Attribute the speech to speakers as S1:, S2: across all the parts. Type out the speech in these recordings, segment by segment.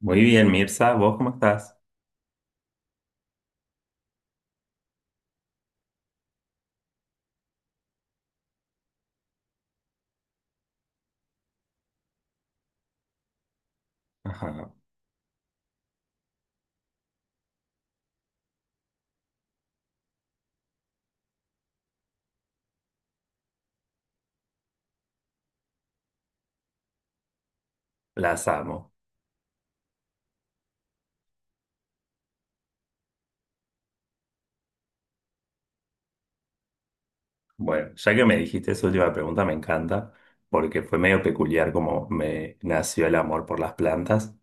S1: Muy bien, Mirza, ¿vos cómo estás? Ajá, las amo. Bueno, ya que me dijiste esa última pregunta, me encanta, porque fue medio peculiar como me nació el amor por las plantas,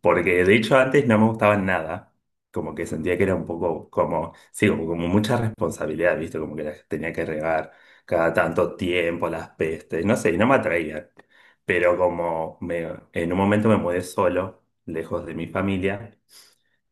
S1: porque de hecho antes no me gustaban nada, como que sentía que era un poco como, sí, como, como mucha responsabilidad, ¿viste? Como que las tenía que regar cada tanto tiempo, las pestes, no sé, y no me atraían. Pero en un momento me mudé solo, lejos de mi familia.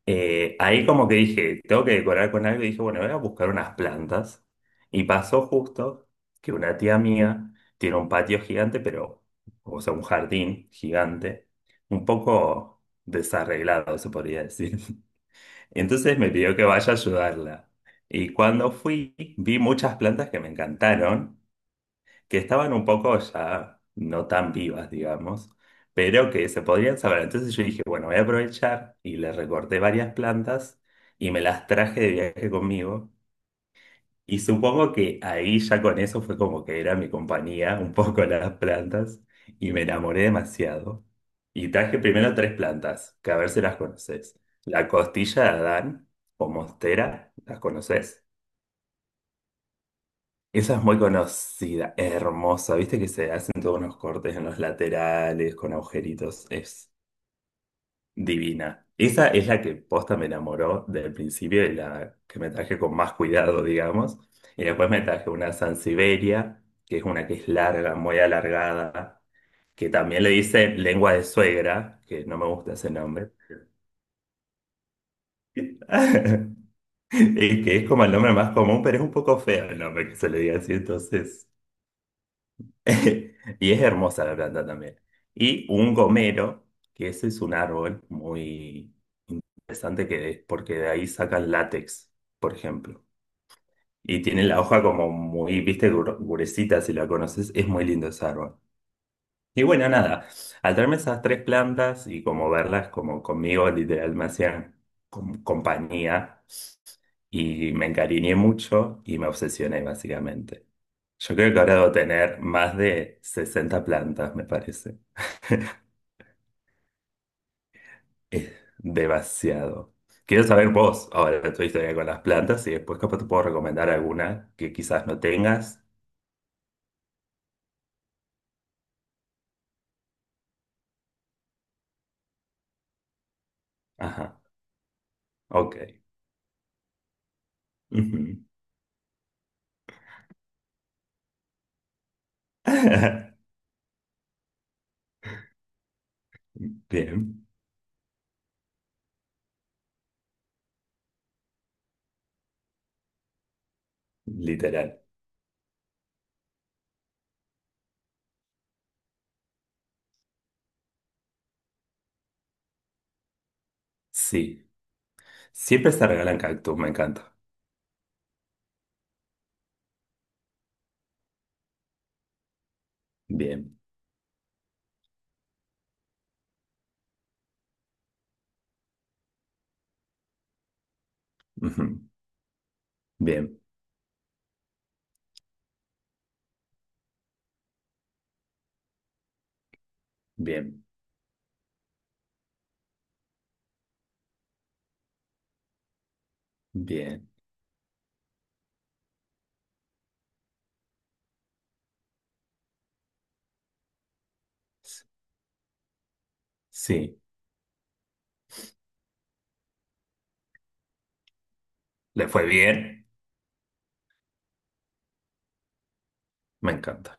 S1: Ahí como que dije, tengo que decorar con algo y dije, bueno, voy a buscar unas plantas. Y pasó justo que una tía mía tiene un patio gigante, pero, o sea, un jardín gigante, un poco desarreglado, se podría decir. Entonces me pidió que vaya a ayudarla. Y cuando fui, vi muchas plantas que me encantaron que estaban un poco ya no tan vivas, digamos, pero que se podrían saber. Entonces yo dije, bueno, voy a aprovechar y le recorté varias plantas y me las traje de viaje conmigo. Y supongo que ahí ya con eso fue como que era mi compañía, un poco las plantas, y me enamoré demasiado. Y traje primero tres plantas, que a ver si las conoces. La costilla de Adán o monstera, ¿las conoces? Esa es muy conocida, hermosa. Viste que se hacen todos unos cortes en los laterales con agujeritos. Es divina. Esa es la que posta me enamoró del principio y la que me traje con más cuidado, digamos. Y después me traje una Sansevieria, que es una que es larga, muy alargada, que también le dicen lengua de suegra, que no me gusta ese nombre. Y que es como el nombre más común, pero es un poco feo el nombre que se le diga así, entonces. Y es hermosa la planta también. Y un gomero, que ese es un árbol muy interesante que es porque de ahí sacan látex, por ejemplo. Y tiene la hoja como muy, viste, gruesita, si la conoces, es muy lindo ese árbol. Y bueno, nada, al traerme esas tres plantas y como verlas como conmigo, literal, me hacían compañía y me encariñé mucho y me obsesioné básicamente. Yo creo que ahora debo tener más de 60 plantas, me parece. Es demasiado. Quiero saber vos, ahora tu historia con las plantas y después capaz te puedo recomendar alguna que quizás no tengas. Ajá, ok. Ujú. Bien, literal. Sí, siempre se regalan cactus, me encanta. Bien, ujú. Bien, bien, bien. Sí, le fue bien, me encanta.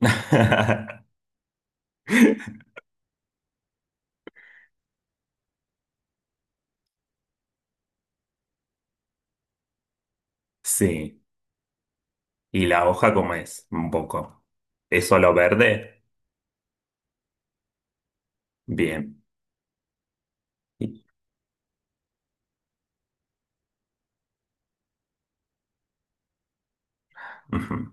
S1: Sí, y la hoja como es, un poco. ¿Es solo verde? Bien. Ujú.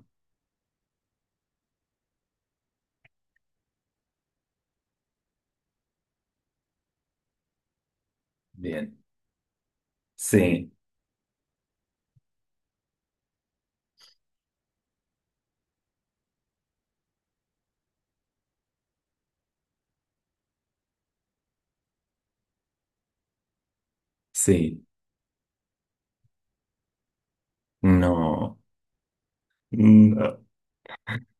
S1: Bien. Sí, sí, no, no,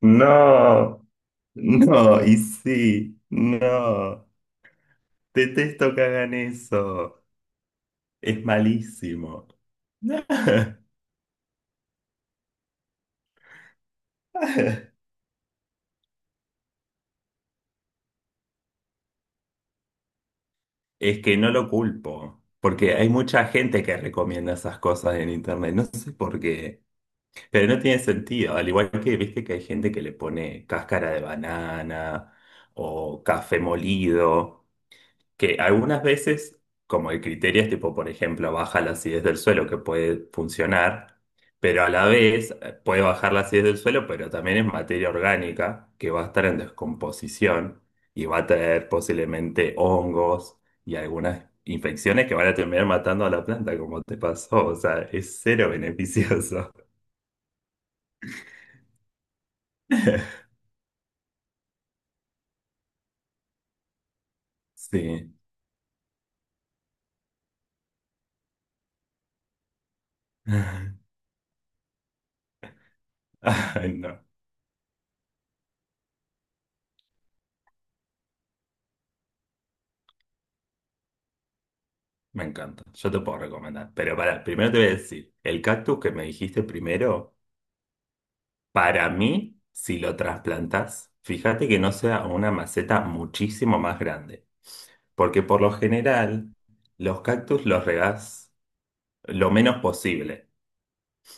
S1: no, no, y sí, no. Detesto que hagan eso. Es malísimo. Es que no lo culpo, porque hay mucha gente que recomienda esas cosas en internet, no sé por qué, pero no tiene sentido, al igual que viste que hay gente que le pone cáscara de banana o café molido. Que algunas veces, como el criterio es tipo, por ejemplo, baja la acidez del suelo, que puede funcionar, pero a la vez puede bajar la acidez del suelo, pero también es materia orgánica que va a estar en descomposición y va a traer posiblemente hongos y algunas infecciones que van a terminar matando a la planta, como te pasó. O sea, es cero beneficioso. Sí. Ay, no, me encanta. Yo te puedo recomendar. Pero para, primero te voy a decir, el cactus que me dijiste primero. Para mí, si lo trasplantas, fíjate que no sea una maceta muchísimo más grande, porque por lo general los cactus los regás lo menos posible.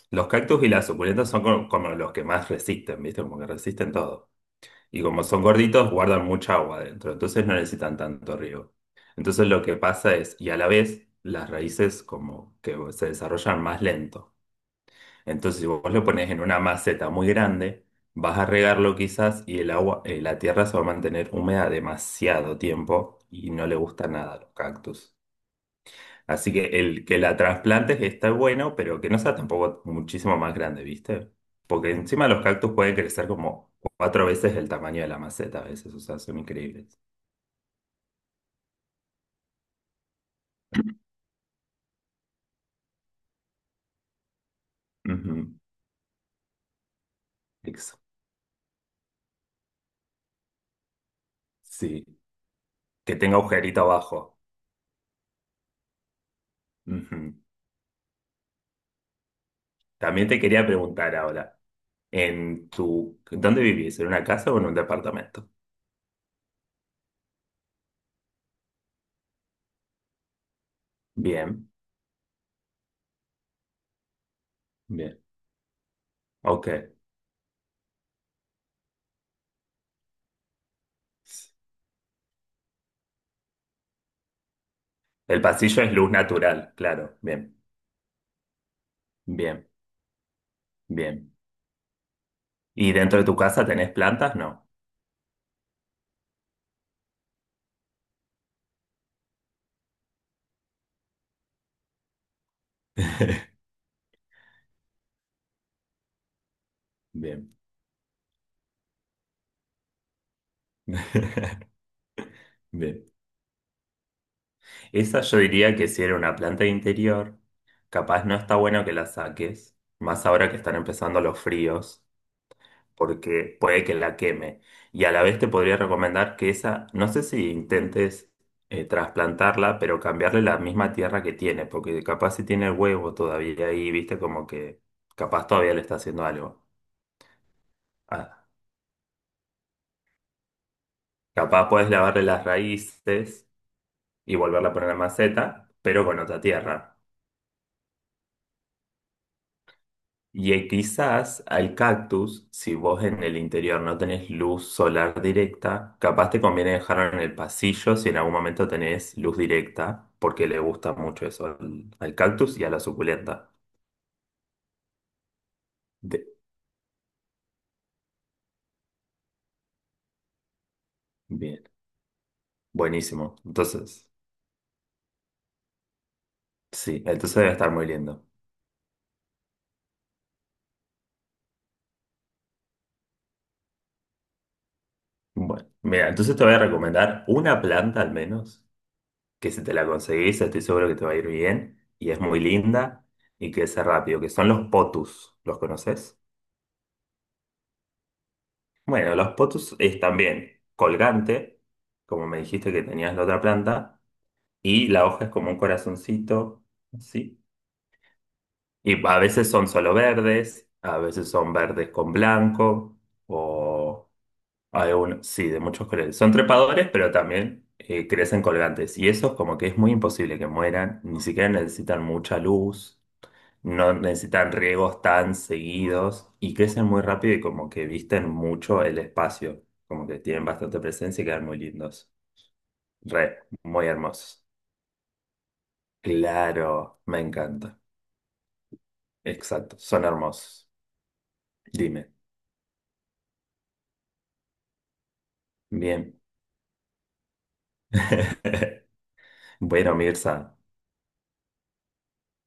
S1: Los cactus y las suculentas son como, como los que más resisten, ¿viste? Como que resisten todo. Y como son gorditos, guardan mucha agua adentro, entonces no necesitan tanto riego. Entonces lo que pasa es, y a la vez, las raíces como que se desarrollan más lento. Entonces, si vos lo pones en una maceta muy grande, vas a regarlo quizás y el agua, la tierra se va a mantener húmeda demasiado tiempo y no le gusta nada a los cactus. Así que el que la trasplantes está bueno, pero que no sea tampoco muchísimo más grande, ¿viste? Porque encima los cactus pueden crecer como cuatro veces el tamaño de la maceta a veces, o sea, son increíbles. Ujú, ex- sí, que tenga agujerito abajo. Ujú. También te quería preguntar ahora. En tu, ¿dónde vivís? ¿En una casa o en un departamento? Bien, bien, ok. El pasillo es luz natural, claro, bien, bien, bien. ¿Y dentro de tu casa tenés plantas? No. Bien, bien. Esa yo diría que si era una planta de interior, capaz no está bueno que la saques, más ahora que están empezando los fríos. Porque puede que la queme. Y a la vez te podría recomendar que esa, no sé si intentes trasplantarla, pero cambiarle la misma tierra que tiene, porque capaz si tiene el huevo todavía ahí, viste, como que capaz todavía le está haciendo algo. Ah, capaz puedes lavarle las raíces y volverla a poner en la maceta, pero con otra tierra. Y quizás al cactus, si vos en el interior no tenés luz solar directa, capaz te conviene dejarlo en el pasillo si en algún momento tenés luz directa, porque le gusta mucho eso al, al cactus y a la suculenta. De- bien, buenísimo. Entonces, sí, entonces debe estar muy lindo. Bueno, mira, entonces te voy a recomendar una planta al menos, que si te la conseguís, estoy seguro que te va a ir bien, y es muy linda y crece rápido, que son los potus. ¿Los conoces? Bueno, los potus es también colgante, como me dijiste que tenías la otra planta, y la hoja es como un corazoncito, así. Y a veces son solo verdes, a veces son verdes con blanco, o hay uno, sí, de muchos colores. Son trepadores, pero también crecen colgantes. Y eso es como que es muy imposible que mueran, ni siquiera necesitan mucha luz, no necesitan riegos tan seguidos y crecen muy rápido y como que visten mucho el espacio, como que tienen bastante presencia y quedan muy lindos. Re, muy hermosos. Claro, me encanta. Exacto, son hermosos. Dime. Bien. Bueno, Mirza,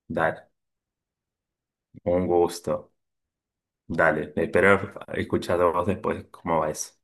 S1: dale, un gusto. Dale, espero escuchar de vos después cómo va eso.